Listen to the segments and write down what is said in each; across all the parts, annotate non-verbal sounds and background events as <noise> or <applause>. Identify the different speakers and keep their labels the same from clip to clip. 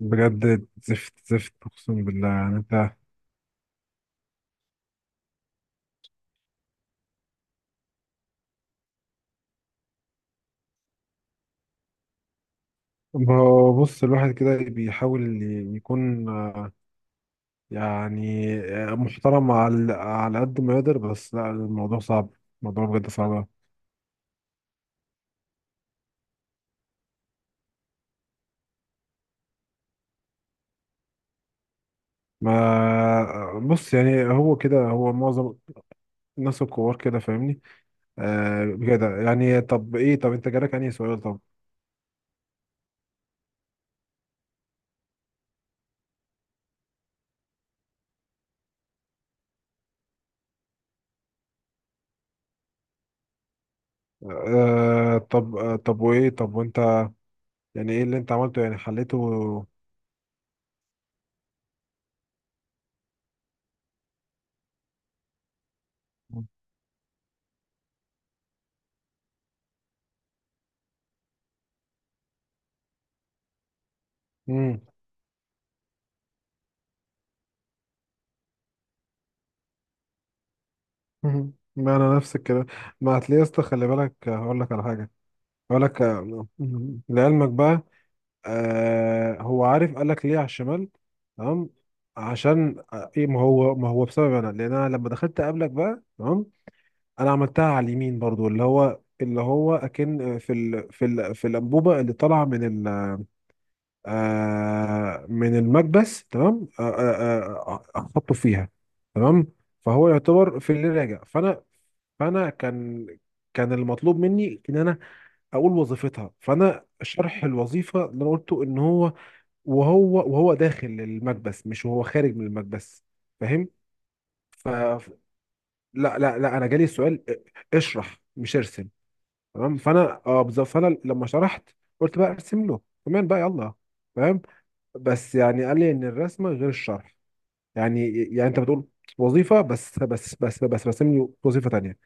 Speaker 1: بجد زفت زفت اقسم بالله، يعني انت. ما هو بص، الواحد كده بيحاول يكون محترم على قد ما يقدر. بس لا، الموضوع صعب. الموضوع بجد صعب. ما بص، يعني هو كده، هو معظم الناس الكبار كده، فاهمني؟ آه بجد. يعني طب ايه، طب انت جالك انهي سؤال؟ طب آه، طب آه، طب وايه، طب وانت يعني ايه اللي انت عملته، يعني حليته؟ مم. <laughs> مهم. ما انا نفس الكلام. ما هتلاقي يا اسطى، خلي بالك هقول لك على حاجه، هقول لك مهم. لعلمك بقى، آه هو عارف، قال لك ليه على الشمال؟ تمام. عشان ايه، ما هو بسبب انا، لان انا لما دخلت قبلك بقى تمام. انا عملتها على اليمين برضو، اللي هو اللي هو اكن في الانبوبه اللي طالعه من ال من المكبس، تمام. احطه فيها تمام. فهو يعتبر في اللي راجع. فانا كان كان المطلوب مني ان انا اقول وظيفتها. فانا شرح الوظيفه اللي انا قلته ان هو وهو وهو داخل المكبس، مش وهو خارج من المكبس. فاهم؟ ف لا، انا جالي السؤال اشرح، مش ارسم. تمام، فانا اه بالظبط. فانا لما شرحت قلت بقى ارسم له كمان بقى، يلا فاهم. بس يعني قال لي ان الرسمه غير الشرح، يعني يعني انت بتقول وظيفه بس راسم لي وظيفه تانية.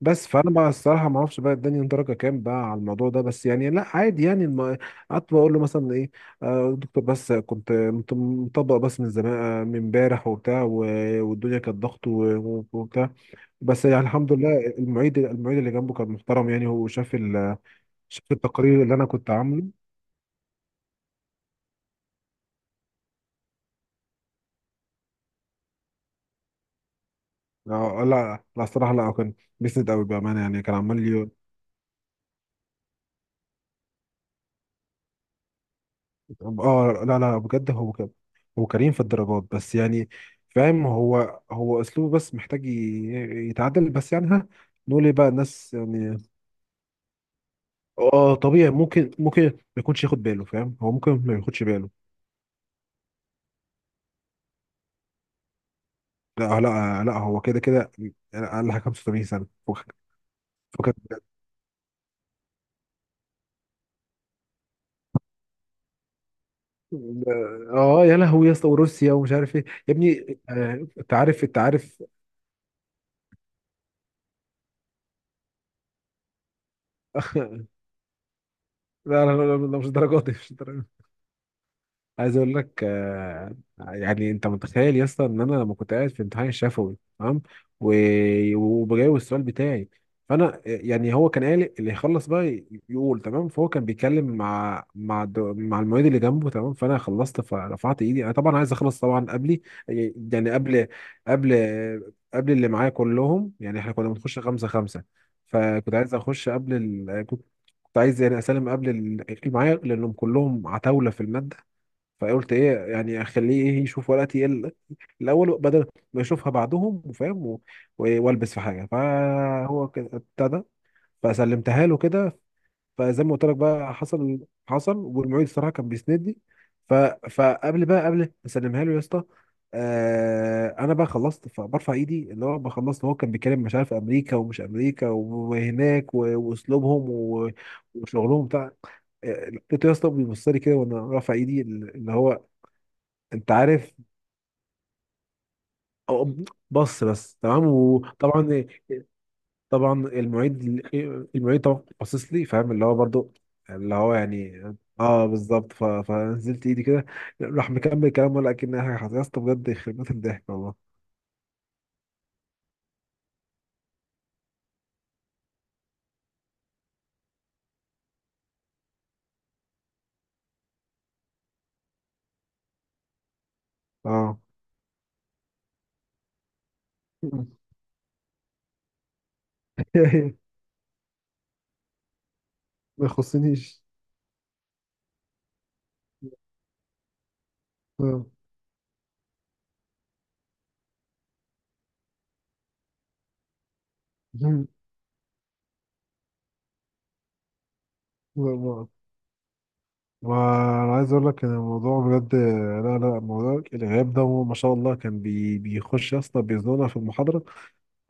Speaker 1: بس فانا بقى الصراحه ما اعرفش بقى اداني درجه كام بقى على الموضوع ده. بس يعني لا، عادي يعني. قعدت بقول له مثلا ايه، دكتور، بس كنت مطبق، بس من زمان من امبارح وبتاع والدنيا كانت ضغط وبتاع. بس يعني الحمد لله، المعيد اللي جنبه كان محترم، يعني هو شاف شاف التقرير اللي انا كنت عامله. لا لا الصراحه، لا كان بيسند قوي بامانه، يعني كان عمال. اه لا لا بجد، هو كده. هو كريم في الدرجات، بس يعني فاهم، هو هو اسلوبه بس محتاج يتعدل، بس يعني ها، نقول ايه بقى، الناس يعني. اه طبيعي، ممكن ممكن ما يكونش ياخد باله، فاهم هو ممكن ما ياخدش باله. لا لا لا، هو كده كده اقل حاجه 85 سنه، فكك فكك بجد. اه يا لهوي يا اسطى، وروسيا ومش عارف ايه يا ابني. انت عارف، انت عارف. <laughs> لا لا لا لا، مش الدرجات دي، مش الدرجات. عايز اقول لك يعني انت متخيل يا اسطى ان انا لما كنت قاعد في امتحان الشفوي تمام، وبجاوب السؤال بتاعي، فانا يعني هو كان قال اللي يخلص بقى يقول تمام. فهو كان بيتكلم مع مع المعيد اللي جنبه تمام. فانا خلصت فرفعت ايدي، انا طبعا عايز اخلص طبعا قبلي، يعني يعني قبل قبل قبل اللي معايا كلهم، يعني احنا كنا بنخش خمسة خمسة. فكنت عايز اخش قبل ال... كنت عايز يعني اسلم قبل اللي معايا، لانهم كلهم عتاولة في المادة. فقلت ايه يعني اخليه ايه يشوف ورقتي الاول، بدل ما يشوفها بعدهم وفاهم والبس في حاجه. فهو كده ابتدى، فسلمتها له كده. فزي ما قلت لك بقى، حصل حصل. والمعيد الصراحه كان بيسندني. ف فقبل بقى، قبل ما اسلمها له يا اسطى، آه انا بقى خلصت فبرفع ايدي اللي هو بقى خلصت. هو كان بيتكلم مش عارف، امريكا ومش امريكا وهناك واسلوبهم وشغلهم بتاع. لقيته يا اسطى بيبص لي كده وانا رافع ايدي اللي هو، انت عارف. أو- بص بس تمام. وطبعا طبعا المعيد طبعا باصص لي فاهم، اللي هو برضو اللي هو يعني. اه بالظبط، فنزلت ايدي كده، راح مكمل كلام ولا اكن حاجه حصلت يا اسطى بجد، يخرب بيت الضحك والله. اه <laughs> ما يخصنيش. آه. ما ما- انا عايز اقول لك ان الموضوع بجد، لا لا موضوع الغياب ده هو ما شاء الله، كان بي بيخش يا اسطى بيزنقنا في المحاضره،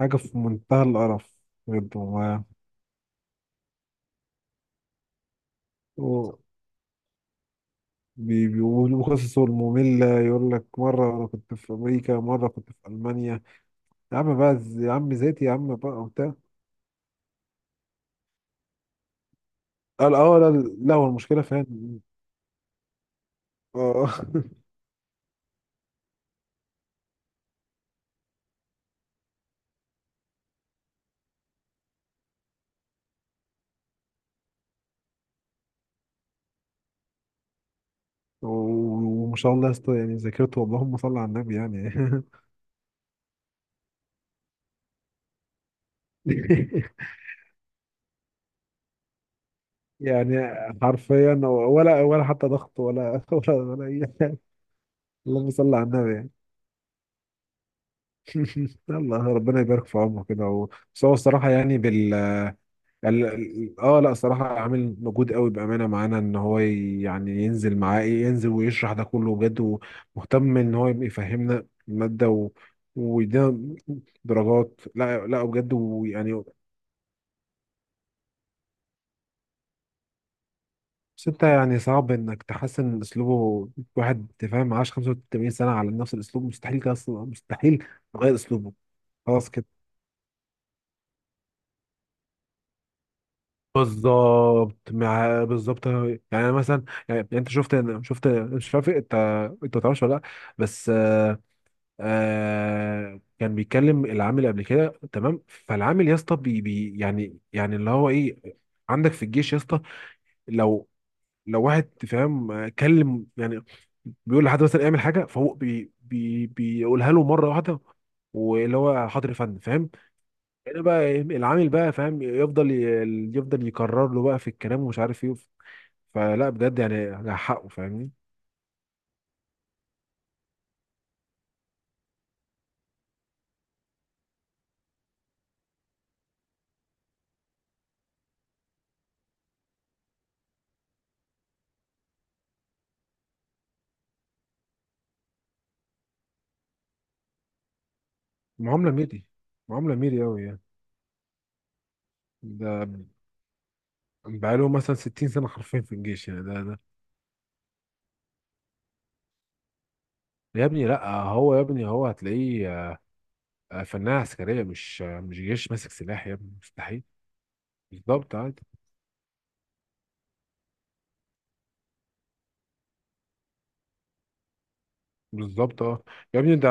Speaker 1: حاجة في منتهى القرف بجد والله. و- بيقولوا قصصه المملة، يقول لك مرة أنا كنت في أمريكا، مرة كنت في ألمانيا. يا عم بقى يا عم زيتي يا عم بقى، وبتاع. قال اه لا، لا هو المشكلة فين. اه <laughs> و- وما شاء الله يا اسطى، يعني ذاكرته، اللهم صل على النبي يعني. <laughs> يعني حرفيا، ولا حتى ضغط، ولا <laughs> ولا أي حاجة. اللهم صل على النبي يعني. <laughs> يلا ربنا يبارك في عمره كده بس هو الصراحة يعني بال، اه لا صراحة عامل مجهود قوي بأمانة معانا، ان هو يعني ينزل معاه ايه، ينزل ويشرح ده كله بجد. ومهتم ان هو يفهمنا المادة و... ويدينا درجات. لا لا بجد، ويعني بس انت يعني صعب انك تحسن من اسلوبه. واحد فاهم معاش 85 سنة على نفس الاسلوب، مستحيل كده، اصلا مستحيل تغير اسلوبه. خلاص كده. بالظبط، مع بالظبط يعني. أنا مثلا يعني انت شفت شفت، مش عارف انت، انت ما تعرفش ولا لا. بس آه كان بيكلم العامل قبل كده تمام. فالعامل يا اسطى بي يعني يعني اللي هو ايه، عندك في الجيش يا اسطى، لو لو واحد فاهم كلم يعني، بيقول لحد مثلا اعمل حاجه. فهو بي بيقولها له مره واحده، واللي هو حاضر يا فندم، فاهم. هنا بقى إيه، العامل بقى فاهم يفضل يفضل يكرر له بقى في الكلام ومش عارف ايه، فلا بجد يعني على حقه، فاهمني. معامله ميري، معامله ميري قوي يعني. ده بقاله مثلا 60 سنة حرفيا في الجيش، يعني ده ده. يا ابني لا هو، يا ابني هو هتلاقيه فنانة عسكرية، مش مش جيش ماسك سلاح يا ابني، مستحيل. بالظبط، عادي بالظبط. اه يا ابني، ده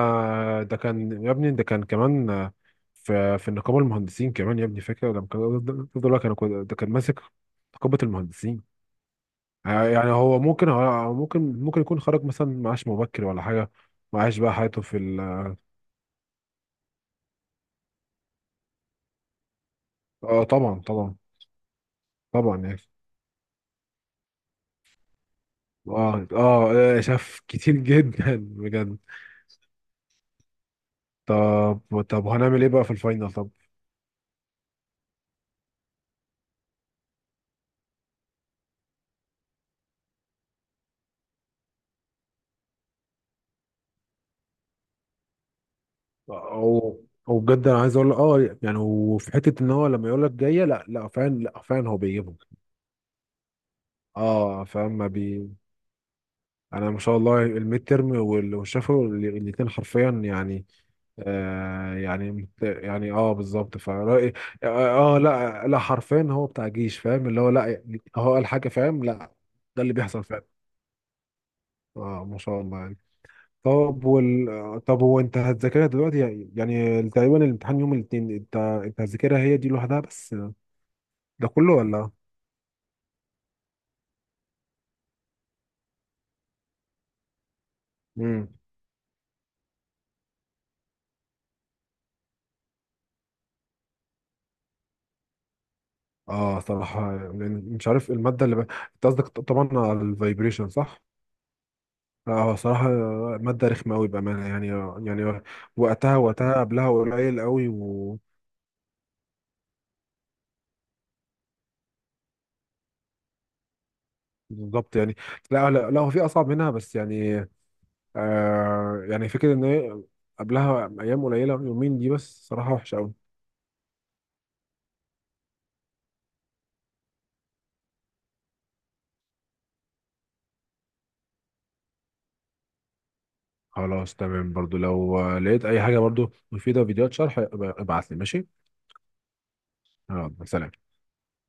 Speaker 1: ده كان يا ابني، ده كان كمان في في نقابة المهندسين كمان يا ابني، فاكر لما كان ده كان ده كان ماسك نقابة المهندسين. يعني هو ممكن هو ممكن ممكن يكون خرج مثلا معاش مبكر ولا حاجة، معاش بقى حياته في ال. اه طبعا طبعا طبعا يعني، اه اه شاف كتير جدا بجد. طب طب هنعمل ايه بقى في الفاينل، طب. او او بجد انا عايز اقول اه يعني، وفي حته ان هو لما يقول لك جايه، لا لا فعلا لا فعلا هو بيجيبهم. اه فاهم، ما بي. انا ما شاء الله، الميد ترم والشفوي الاثنين حرفيا يعني. آه يعني يعني اه بالظبط فرأي. اه لا لا حرفيا هو بتاع جيش فاهم اللي هو لا، هو قال حاجه فاهم لا، ده اللي بيحصل فعلا. اه ما شاء الله يعني. طب وال... طب هو انت هتذاكرها دلوقتي يعني، يعني تقريبا الامتحان يوم الاثنين، انت انت هتذاكرها هي دي لوحدها بس ده كله ولا؟ امم. اه صراحة لأن مش عارف المادة اللي ب... انت قصدك طبعا على الفايبريشن، صح؟ اه صراحة مادة رخمة قوي بأمانة يعني، يعني وقتها وقتها قبلها قليل قوي و... بالظبط يعني. لا لا لا هو في أصعب منها، بس يعني يعني فكرة إن هي قبلها أيام قليلة، يومين دي بس صراحة وحشة. خلاص تمام، برضو لو لقيت اي حاجه برضو مفيده، فيديوهات شرح، ابعت لي ماشي. يلا سلام.